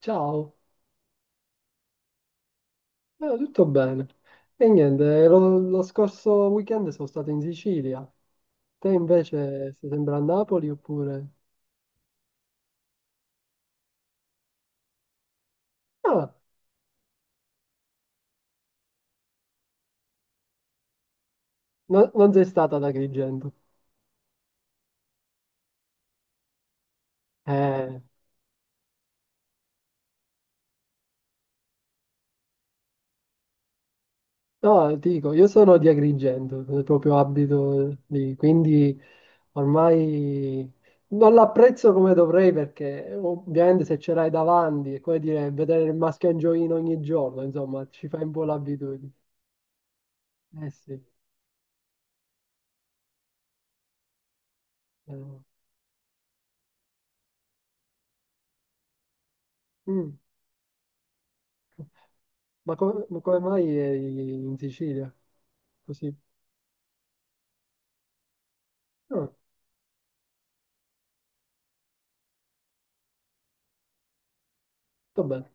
Ciao. Tutto bene. E niente, lo scorso weekend sono stato in Sicilia. Te invece sei sempre a Napoli oppure... Ah, non sei stata ad Agrigento. Eh, no, ti dico, io sono di Agrigento, proprio abito lì, quindi ormai non l'apprezzo come dovrei perché ovviamente se ce l'hai davanti è come dire vedere il mascagnoino ogni giorno, insomma, ci fai un po' l'abitudine. Eh sì. Eh. Mm. Ma come mai eri in Sicilia? Così. Ah, va bene.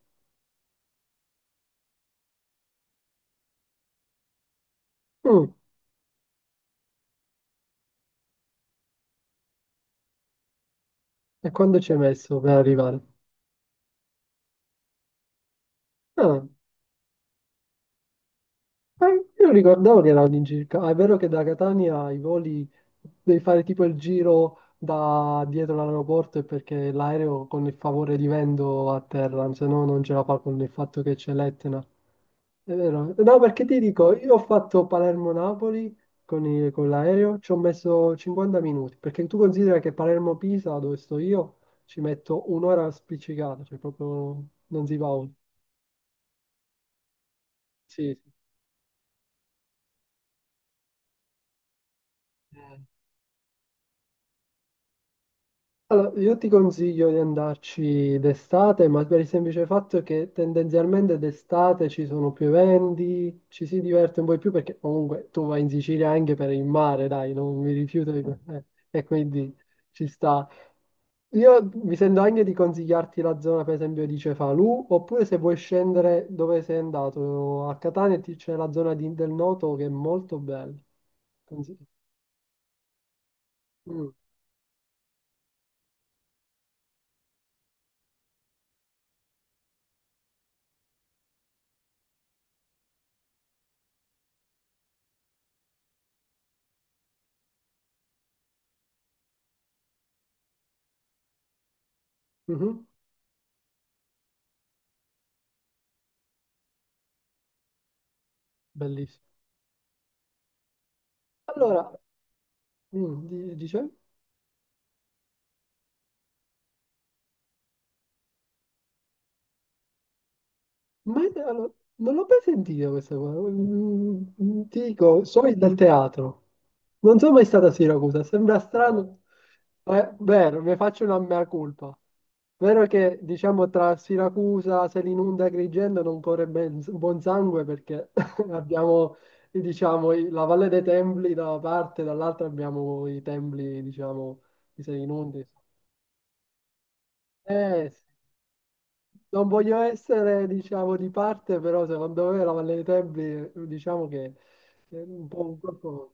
Mm, E quando ci hai messo per arrivare? Ah, ah, io ricordavo che erano all'incirca. Ah, è vero che da Catania i voli devi fare tipo il giro da dietro l'aeroporto e perché l'aereo con il favore di vento atterra, se no non ce la fa con il fatto che c'è l'Etna. È vero? No, perché ti dico, io ho fatto Palermo-Napoli con l'aereo, ci ho messo 50 minuti, perché tu considera che Palermo-Pisa, dove sto io, ci metto un'ora spiccicata, cioè proprio non si va oltre. Sì, sì. Allora, io ti consiglio di andarci d'estate, ma per il semplice fatto che tendenzialmente d'estate ci sono più eventi, ci si diverte un po' di più perché comunque tu vai in Sicilia anche per il mare, dai, non mi rifiuto di... e quindi ci sta. Io mi sento anche di consigliarti la zona, per esempio, di Cefalù, oppure se vuoi scendere dove sei andato, a Catania c'è la zona del Noto che è molto bella. Consiglio. Mm, mhm. Bellissimo. Allora, dice, allora, non l'ho mai sentita questa qua. Ti dico, sono dal teatro. Non sono mai stata a Siracusa, sembra strano, ma è vero, mi faccio una mea colpa. Vero che, diciamo, tra Siracusa, Selinunte e Agrigento non corre buon sangue perché abbiamo, diciamo, la Valle dei Templi da una parte, dall'altra abbiamo i templi, diciamo, di Selinunte. Non voglio essere, diciamo, di parte, però secondo me la Valle dei Templi, diciamo che è un po' un corpo...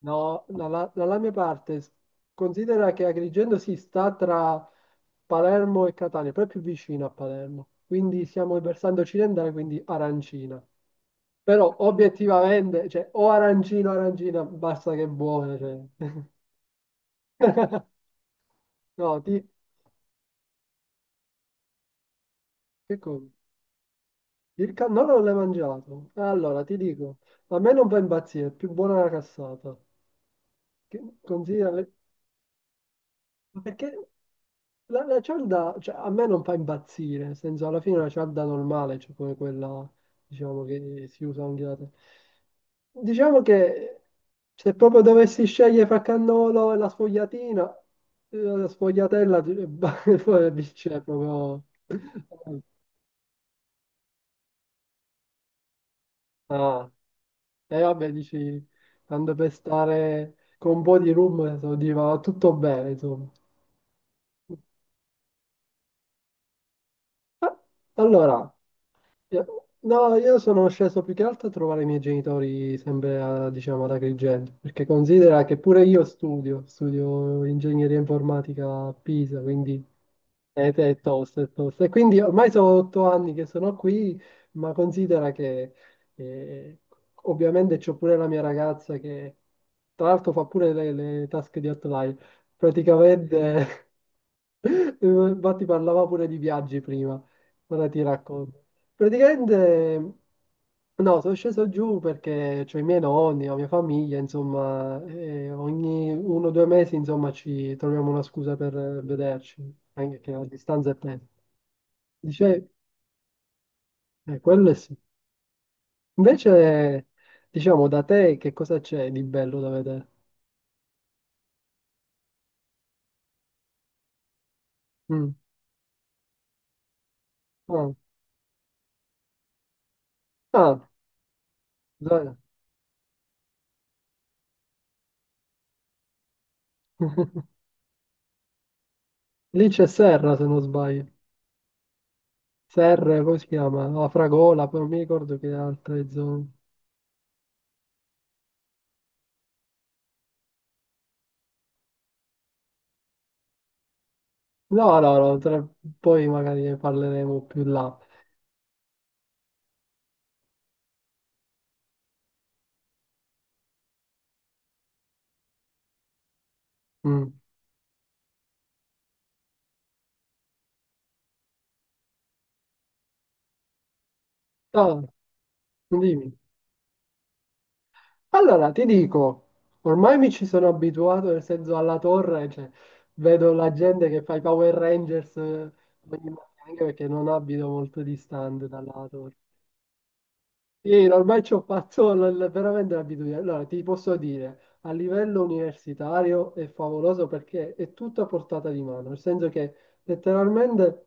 No, dalla mia parte, considera che Agrigento si sta tra Palermo e Catania, proprio più vicino a Palermo, quindi siamo il versante occidentale, quindi arancina. Però obiettivamente, cioè, o arancino o arancina, basta che è buona, cioè. No, ti... Che cosa? Il cannolo non l'hai mangiato? Allora, ti dico, a me non fa impazzire, è più buona la cassata. Che considera... ma perché la cialda, cioè, a me non fa impazzire, nel senso, alla fine è una cialda normale, cioè come quella, diciamo, che si usa anche da te. Diciamo che se proprio dovessi scegliere fra cannolo e la sfogliatina, la sfogliatella, poi c'è proprio... Ah. E vabbè, dici, tanto per stare con un po' di rum, so, va tutto bene, insomma. Allora, no, io sono sceso più che altro a trovare i miei genitori sempre, diciamo, ad Agrigento, perché considera che pure io studio, studio ingegneria informatica a Pisa, quindi è tosta, è tosta. E quindi ormai sono 8 anni che sono qui, ma considera che eh, ovviamente c'ho pure la mia ragazza che tra l'altro fa pure le tasche di Outlier. Praticamente, infatti parlava pure di viaggi prima, ora ti racconto. Praticamente, no, sono sceso giù perché c'ho i miei nonni, la mia famiglia, insomma, e ogni 1 o 2 mesi, insomma, ci troviamo una scusa per vederci, anche che la distanza è tanta. Dice, quello è sì. Invece, diciamo, da te che cosa c'è di bello da vedere? Mm. Ah, ah, dai. Lì c'è Serra, se non sbaglio. Serra, come si chiama? La Fragola, poi non mi ricordo che altre zone. No, no, no, poi magari ne parleremo più là. Mm. Ah, dimmi. Allora, ti dico, ormai mi ci sono abituato, nel senso alla torre, cioè, vedo la gente che fa i Power Rangers ogni mattina, anche perché non abito molto distante dalla torre. Sì, ormai ci ho fatto veramente l'abitudine. Allora, ti posso dire, a livello universitario è favoloso perché è tutto a portata di mano, nel senso che letteralmente...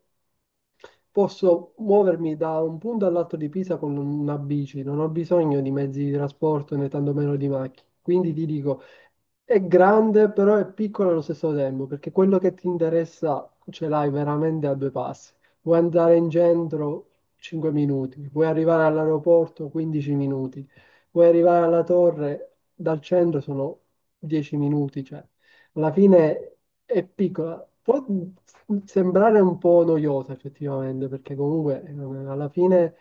Posso muovermi da un punto all'altro di Pisa con una bici, non ho bisogno di mezzi di trasporto né tantomeno di macchine. Quindi ti dico, è grande, però è piccola allo stesso tempo, perché quello che ti interessa ce l'hai veramente a due passi. Vuoi andare in centro 5 minuti, vuoi arrivare all'aeroporto 15 minuti, vuoi arrivare alla torre dal centro sono 10 minuti, cioè alla fine è piccola. Può sembrare un po' noiosa effettivamente, perché comunque alla fine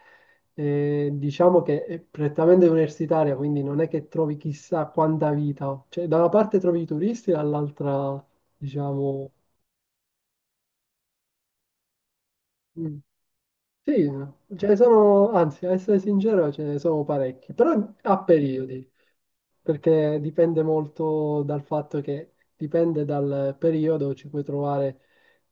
diciamo che è prettamente universitaria, quindi non è che trovi chissà quanta vita. Cioè, da una parte trovi i turisti, dall'altra, diciamo... Mm, sì, ce ne sono, anzi, a essere sincero, ce ne sono parecchi, però a periodi. Perché dipende molto dal fatto che dipende dal periodo, ci puoi trovare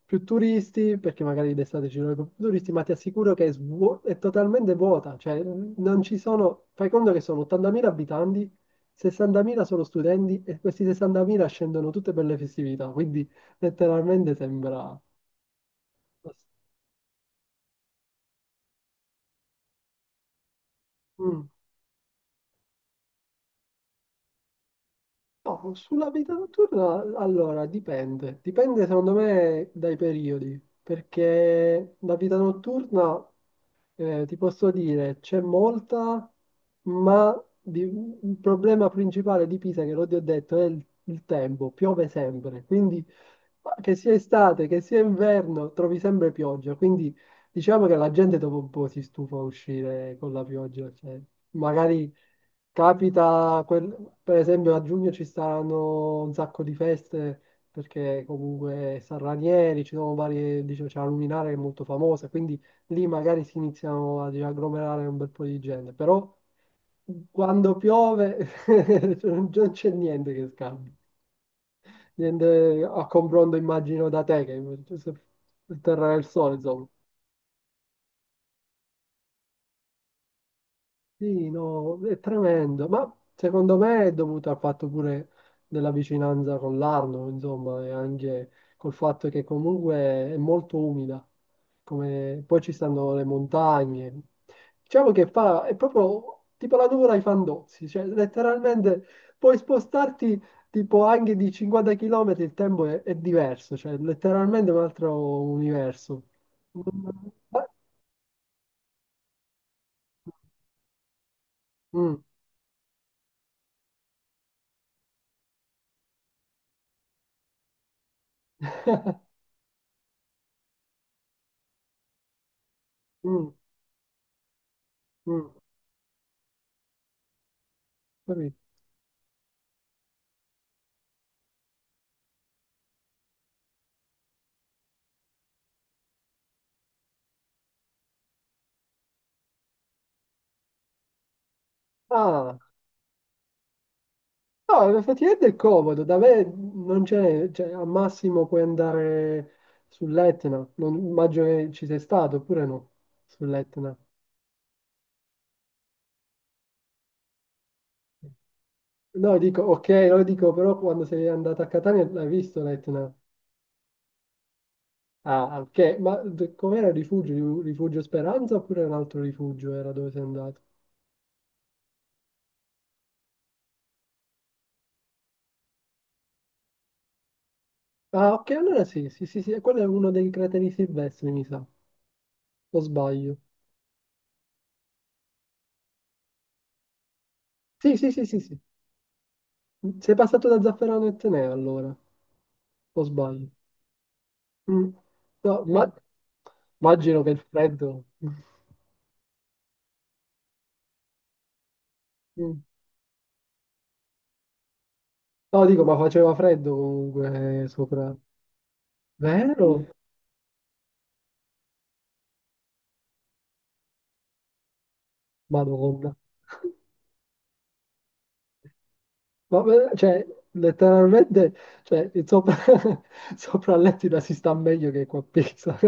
più turisti, perché magari d'estate ci sono più turisti, ma ti assicuro che è, è totalmente vuota, cioè non ci sono, fai conto che sono 80.000 abitanti, 60.000 sono studenti e questi 60.000 scendono tutte per le festività, quindi letteralmente sembra... Mm. No, sulla vita notturna, allora, dipende. Dipende secondo me dai periodi, perché la vita notturna, ti posso dire, c'è molta, ma il problema principale di Pisa, che l'ho già detto, è il tempo, piove sempre. Quindi, che sia estate, che sia inverno, trovi sempre pioggia. Quindi diciamo che la gente dopo un po' si stufa a uscire con la pioggia, cioè, magari capita, per esempio a giugno ci saranno un sacco di feste perché comunque San Ranieri, ci sono varie, dicevo, c'è la Luminare che è molto famosa, quindi lì magari si iniziano ad agglomerare un bel po' di gente, però quando piove non c'è niente che scambi, niente a confronto immagino da te che il terra del sole, insomma. Sì, no, è tremendo, ma secondo me è dovuto al fatto pure della vicinanza con l'Arno, insomma, e anche col fatto che comunque è molto umida, come... poi ci stanno le montagne, diciamo che fa, è proprio tipo la nuvola ai Fandozzi, cioè letteralmente puoi spostarti tipo anche di 50 km, il tempo è diverso, cioè letteralmente un altro universo. Mm, mm, mm, mm, capito? Ah, no, effettivamente è comodo, da me non c'è, cioè, al massimo puoi andare sull'Etna, non immagino che ci sei stato, oppure no, sull'Etna. No, dico, ok, lo dico, però quando sei andato a Catania l'hai visto l'Etna? Ah, ok, ma com'era il rifugio? Il Rifugio Speranza oppure era un altro rifugio era dove sei andato? Ah, ok, allora sì, sì, sì, sì, quello è uno dei crateri silvestri, mi sa, o sbaglio. Sì, sì, sì, sì, sì, sei passato da Zafferano e Teneo allora, o sbaglio. Mm. No, immagino che il freddo. Mm. No, dico, ma faceva freddo comunque sopra. Vero? Madonna. Ma cioè, letteralmente, cioè, il sopra, sopra a L'Aquila si sta meglio che qua a Pisa.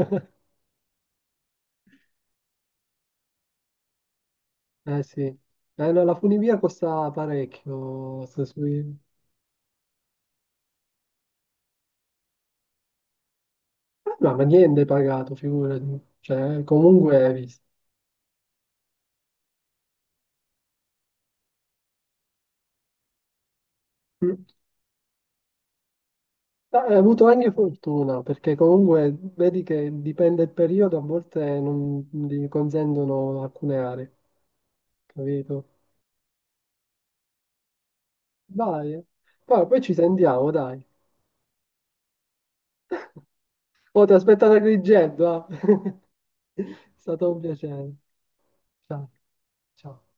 Eh sì. No, la funivia costa parecchio. No, ma niente è pagato, figurati. Cioè, comunque hai visto. Mm. Ma hai avuto anche fortuna, perché comunque vedi che dipende il periodo, a volte non gli consentono alcune aree, capito? Dai, eh. Poi ci sentiamo, dai. Oh, ti aspetto da Agrigento, ah. È stato un piacere. Ciao, ciao.